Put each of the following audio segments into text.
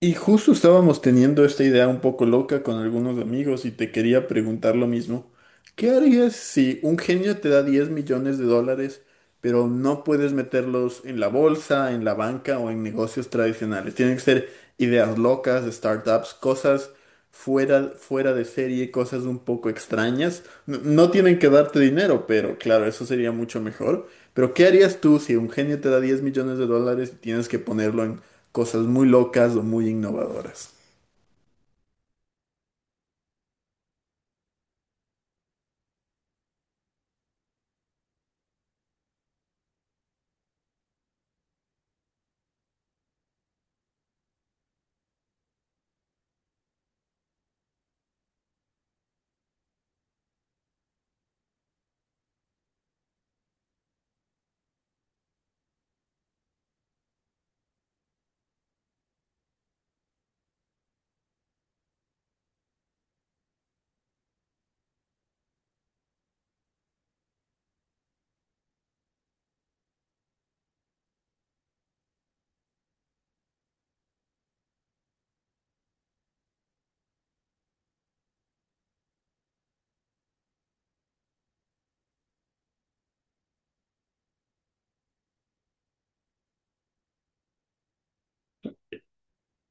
Y justo estábamos teniendo esta idea un poco loca con algunos amigos y te quería preguntar lo mismo. ¿Qué harías si un genio te da 10 millones de dólares, pero no puedes meterlos en la bolsa, en la banca o en negocios tradicionales? Tienen que ser ideas locas, startups, cosas fuera de serie, cosas un poco extrañas. No tienen que darte dinero, pero claro, eso sería mucho mejor. Pero ¿qué harías tú si un genio te da 10 millones de dólares y tienes que ponerlo en cosas muy locas o muy innovadoras?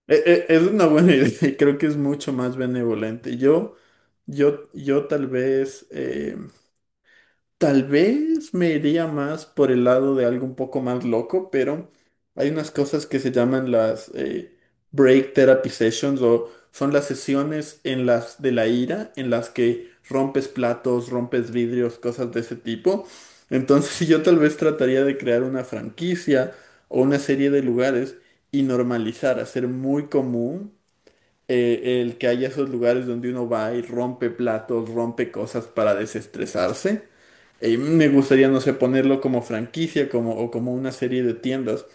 E- Es una buena idea y creo que es mucho más benevolente. Yo tal vez me iría más por el lado de algo un poco más loco, pero hay unas cosas que se llaman las break therapy sessions o son las sesiones en las de la ira en las que rompes platos, rompes vidrios, cosas de ese tipo. Entonces yo tal vez trataría de crear una franquicia o una serie de lugares y normalizar, hacer muy común el que haya esos lugares donde uno va y rompe platos, rompe cosas para desestresarse. Me gustaría, no sé, ponerlo como franquicia como, o como una serie de tiendas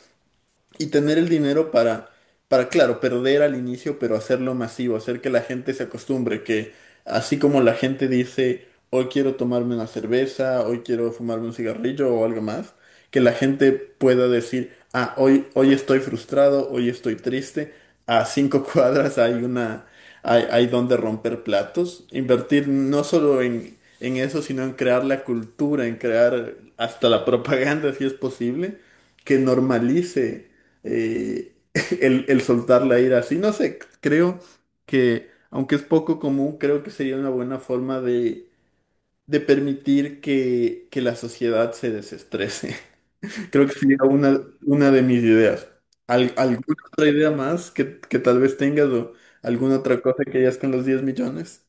y tener el dinero para, claro, perder al inicio, pero hacerlo masivo, hacer que la gente se acostumbre, que así como la gente dice, hoy quiero tomarme una cerveza, hoy quiero fumarme un cigarrillo o algo más, que la gente pueda decir, ah, hoy estoy frustrado, hoy estoy triste, a 5 cuadras hay una, hay donde romper platos, invertir no solo en eso, sino en crear la cultura, en crear hasta la propaganda, si es posible, que normalice eh, el soltar la ira así. No sé, creo que, aunque es poco común, creo que sería una buena forma de permitir que la sociedad se desestrese. Creo que sería una de mis ideas. ¿Alguna otra idea más que tal vez tengas o alguna otra cosa que hayas con los 10 millones?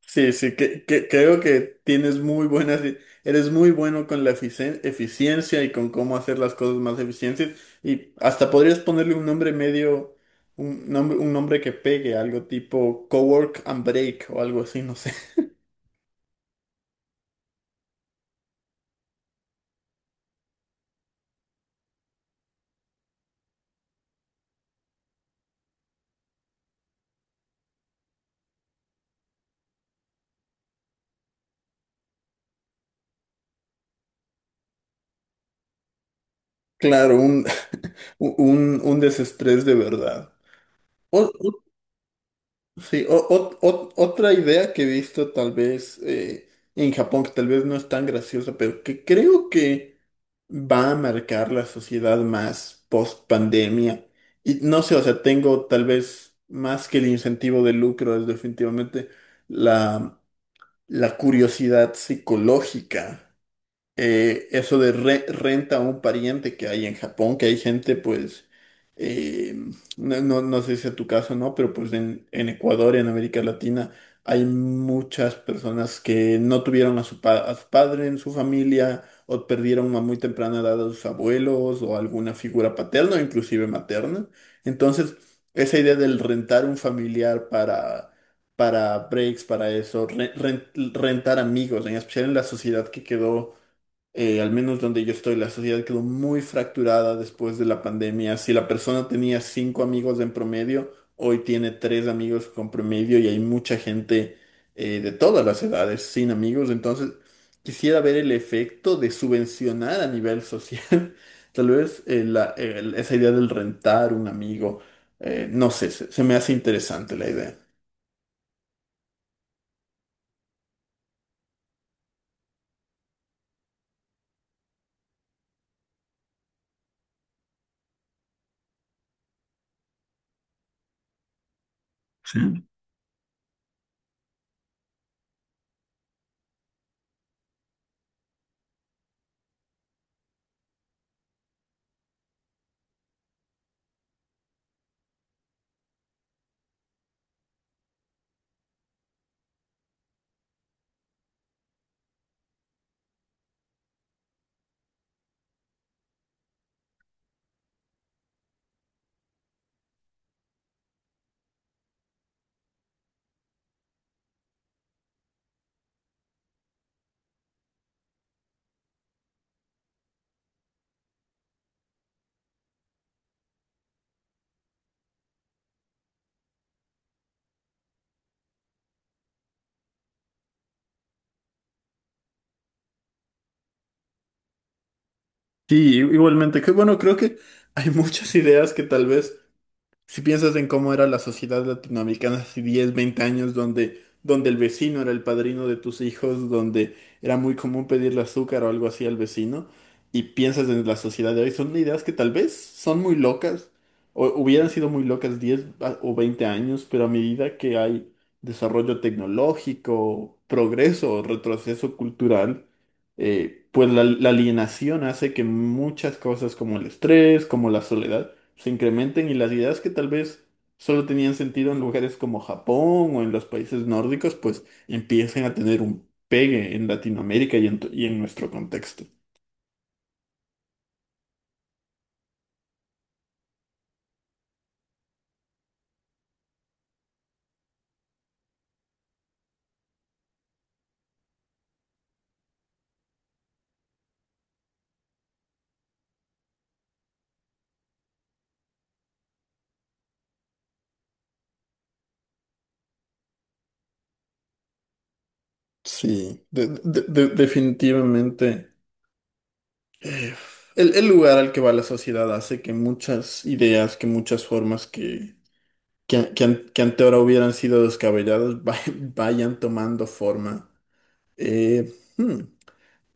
Sí, sí, creo que tienes muy buenas, eres muy bueno con la eficiencia y con cómo hacer las cosas más eficientes. Y hasta podrías ponerle un nombre medio, un nombre que pegue, algo tipo Cowork and Break o algo así, no sé. Claro, un desestrés de verdad. O- o- sí, otra idea que he visto tal vez en Japón, que tal vez no es tan graciosa, pero que creo que va a marcar la sociedad más post pandemia. Y no sé, o sea, tengo tal vez más que el incentivo de lucro, es definitivamente la, la curiosidad psicológica eso de renta a un pariente que hay en Japón, que hay gente, pues, eh, no sé si es tu caso, ¿no? Pero pues en Ecuador, en América Latina, hay muchas personas que no tuvieron a su, a su padre en su familia o perdieron a muy temprana edad a sus abuelos o alguna figura paterna o inclusive materna. Entonces, esa idea del rentar un familiar para breaks, para eso, rentar amigos, en especial en la sociedad que quedó al menos donde yo estoy, la sociedad quedó muy fracturada después de la pandemia. Si la persona tenía 5 amigos en promedio, hoy tiene 3 amigos con promedio y hay mucha gente de todas las edades sin amigos. Entonces, quisiera ver el efecto de subvencionar a nivel social, tal vez esa idea del rentar un amigo. No sé, se me hace interesante la idea. Sí, igualmente, que bueno, creo que hay muchas ideas que tal vez si piensas en cómo era la sociedad latinoamericana hace 10, 20 años, donde el vecino era el padrino de tus hijos, donde era muy común pedirle azúcar o algo así al vecino, y piensas en la sociedad de hoy, son ideas que tal vez son muy locas, o hubieran sido muy locas 10 o 20 años, pero a medida que hay desarrollo tecnológico, progreso o retroceso cultural, pues la alienación hace que muchas cosas como el estrés, como la soledad, se incrementen y las ideas que tal vez solo tenían sentido en lugares como Japón o en los países nórdicos, pues empiecen a tener un pegue en Latinoamérica y y en nuestro contexto. Sí, definitivamente eh, el lugar al que va la sociedad hace que muchas ideas, que muchas formas que ante ahora hubieran sido descabelladas vayan tomando forma. Hmm.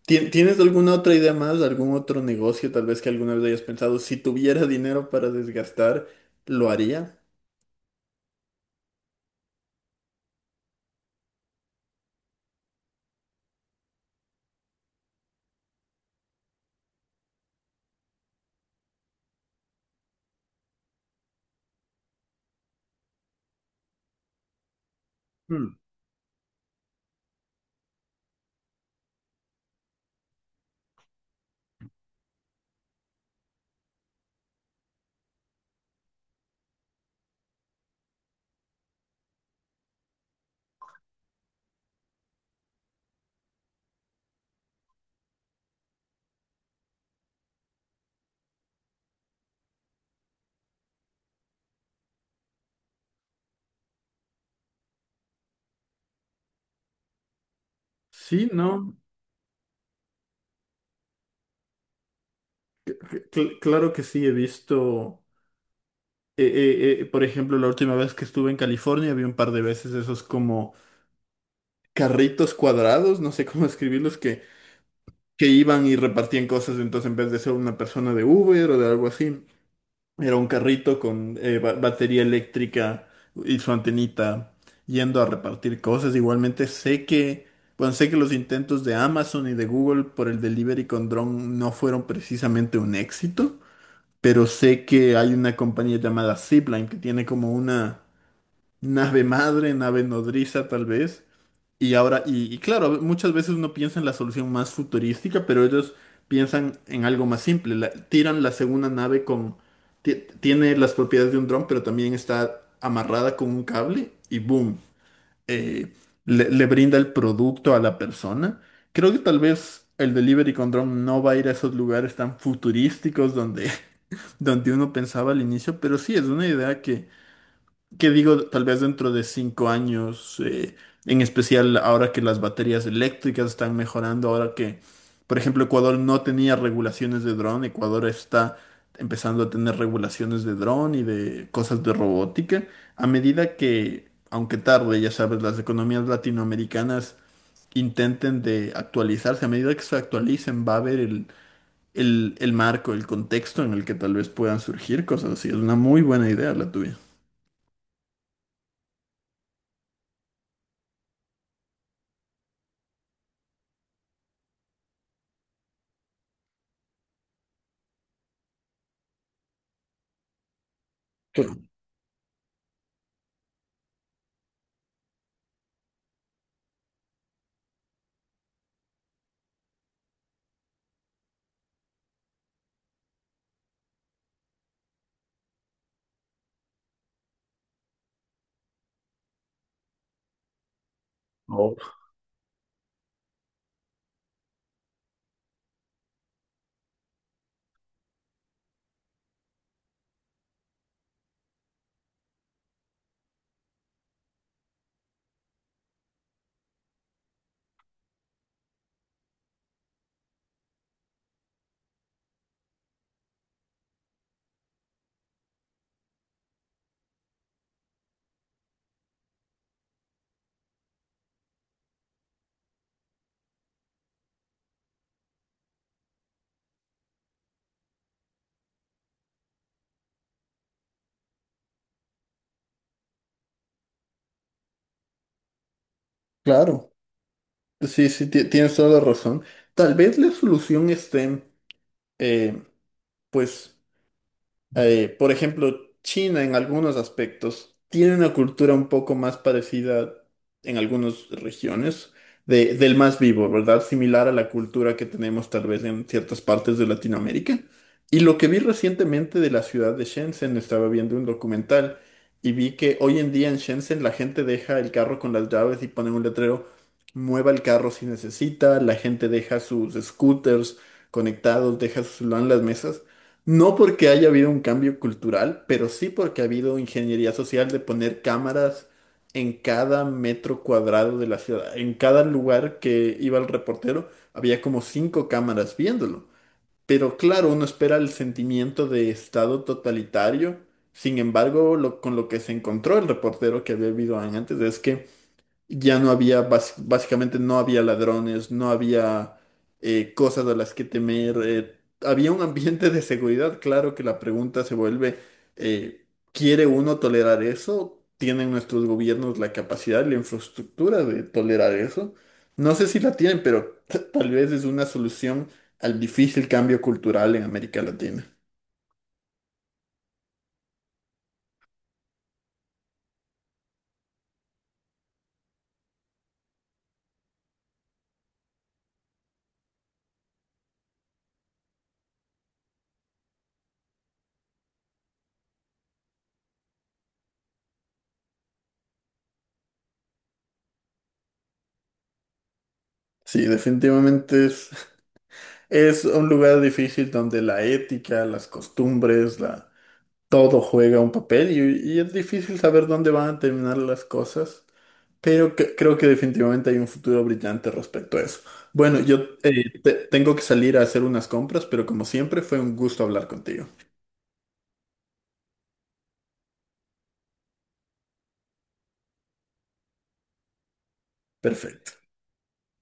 ¿Tienes alguna otra idea más, algún otro negocio tal vez que alguna vez hayas pensado? Si tuviera dinero para desgastar, ¿lo haría? Hmm. Sí, no, claro que sí, he visto, por ejemplo, la última vez que estuve en California, vi un par de veces esos como carritos cuadrados, no sé cómo escribirlos, que iban y repartían cosas, entonces en vez de ser una persona de Uber o de algo así, era un carrito con batería eléctrica y su antenita yendo a repartir cosas. Igualmente sé que, bueno, sé que los intentos de Amazon y de Google por el delivery con dron no fueron precisamente un éxito, pero sé que hay una compañía llamada Zipline que tiene como una nave madre, nave nodriza tal vez, y claro, muchas veces uno piensa en la solución más futurística, pero ellos piensan en algo más simple. Tiran la segunda nave con ti- tiene las propiedades de un dron, pero también está amarrada con un cable y boom. eh, le brinda el producto a la persona. Creo que tal vez el delivery con dron no va a ir a esos lugares tan futurísticos donde, donde uno pensaba al inicio, pero sí es una idea que digo, tal vez dentro de 5 años, en especial ahora que las baterías eléctricas están mejorando, ahora que, por ejemplo, Ecuador no tenía regulaciones de dron, Ecuador está empezando a tener regulaciones de dron y de cosas de robótica, a medida que, aunque tarde, ya sabes, las economías latinoamericanas intenten de actualizarse, a medida que se actualicen va a haber el marco, el contexto en el que tal vez puedan surgir cosas así. Es una muy buena idea la tuya. Oh. Claro. Sí, sí, tienes toda la razón. Tal vez la solución esté, eh, pues, por ejemplo, China en algunos aspectos tiene una cultura un poco más parecida en algunas regiones del más vivo, ¿verdad? Similar a la cultura que tenemos tal vez en ciertas partes de Latinoamérica. Y lo que vi recientemente de la ciudad de Shenzhen, estaba viendo un documental y vi que hoy en día en Shenzhen la gente deja el carro con las llaves y ponen un letrero, mueva el carro si necesita, la gente deja sus scooters conectados, deja su celular en las mesas. No porque haya habido un cambio cultural, pero sí porque ha habido ingeniería social de poner cámaras en cada metro cuadrado de la ciudad. En cada lugar que iba el reportero había como 5 cámaras viéndolo. Pero claro, uno espera el sentimiento de estado totalitario. Sin embargo, con lo que se encontró el reportero que había habido antes es que ya no había, básicamente no había ladrones, no había cosas a las que temer, había un ambiente de seguridad, claro que la pregunta se vuelve, eh, ¿quiere uno tolerar eso? ¿Tienen nuestros gobiernos la capacidad y la infraestructura de tolerar eso? No sé si la tienen, pero tal vez es una solución al difícil cambio cultural en América Latina. Sí, definitivamente es, es un lugar difícil donde la ética, las costumbres, la todo juega un papel y es difícil saber dónde van a terminar las cosas, pero creo que definitivamente hay un futuro brillante respecto a eso. Bueno, yo tengo que salir a hacer unas compras, pero como siempre fue un gusto hablar contigo. Perfecto.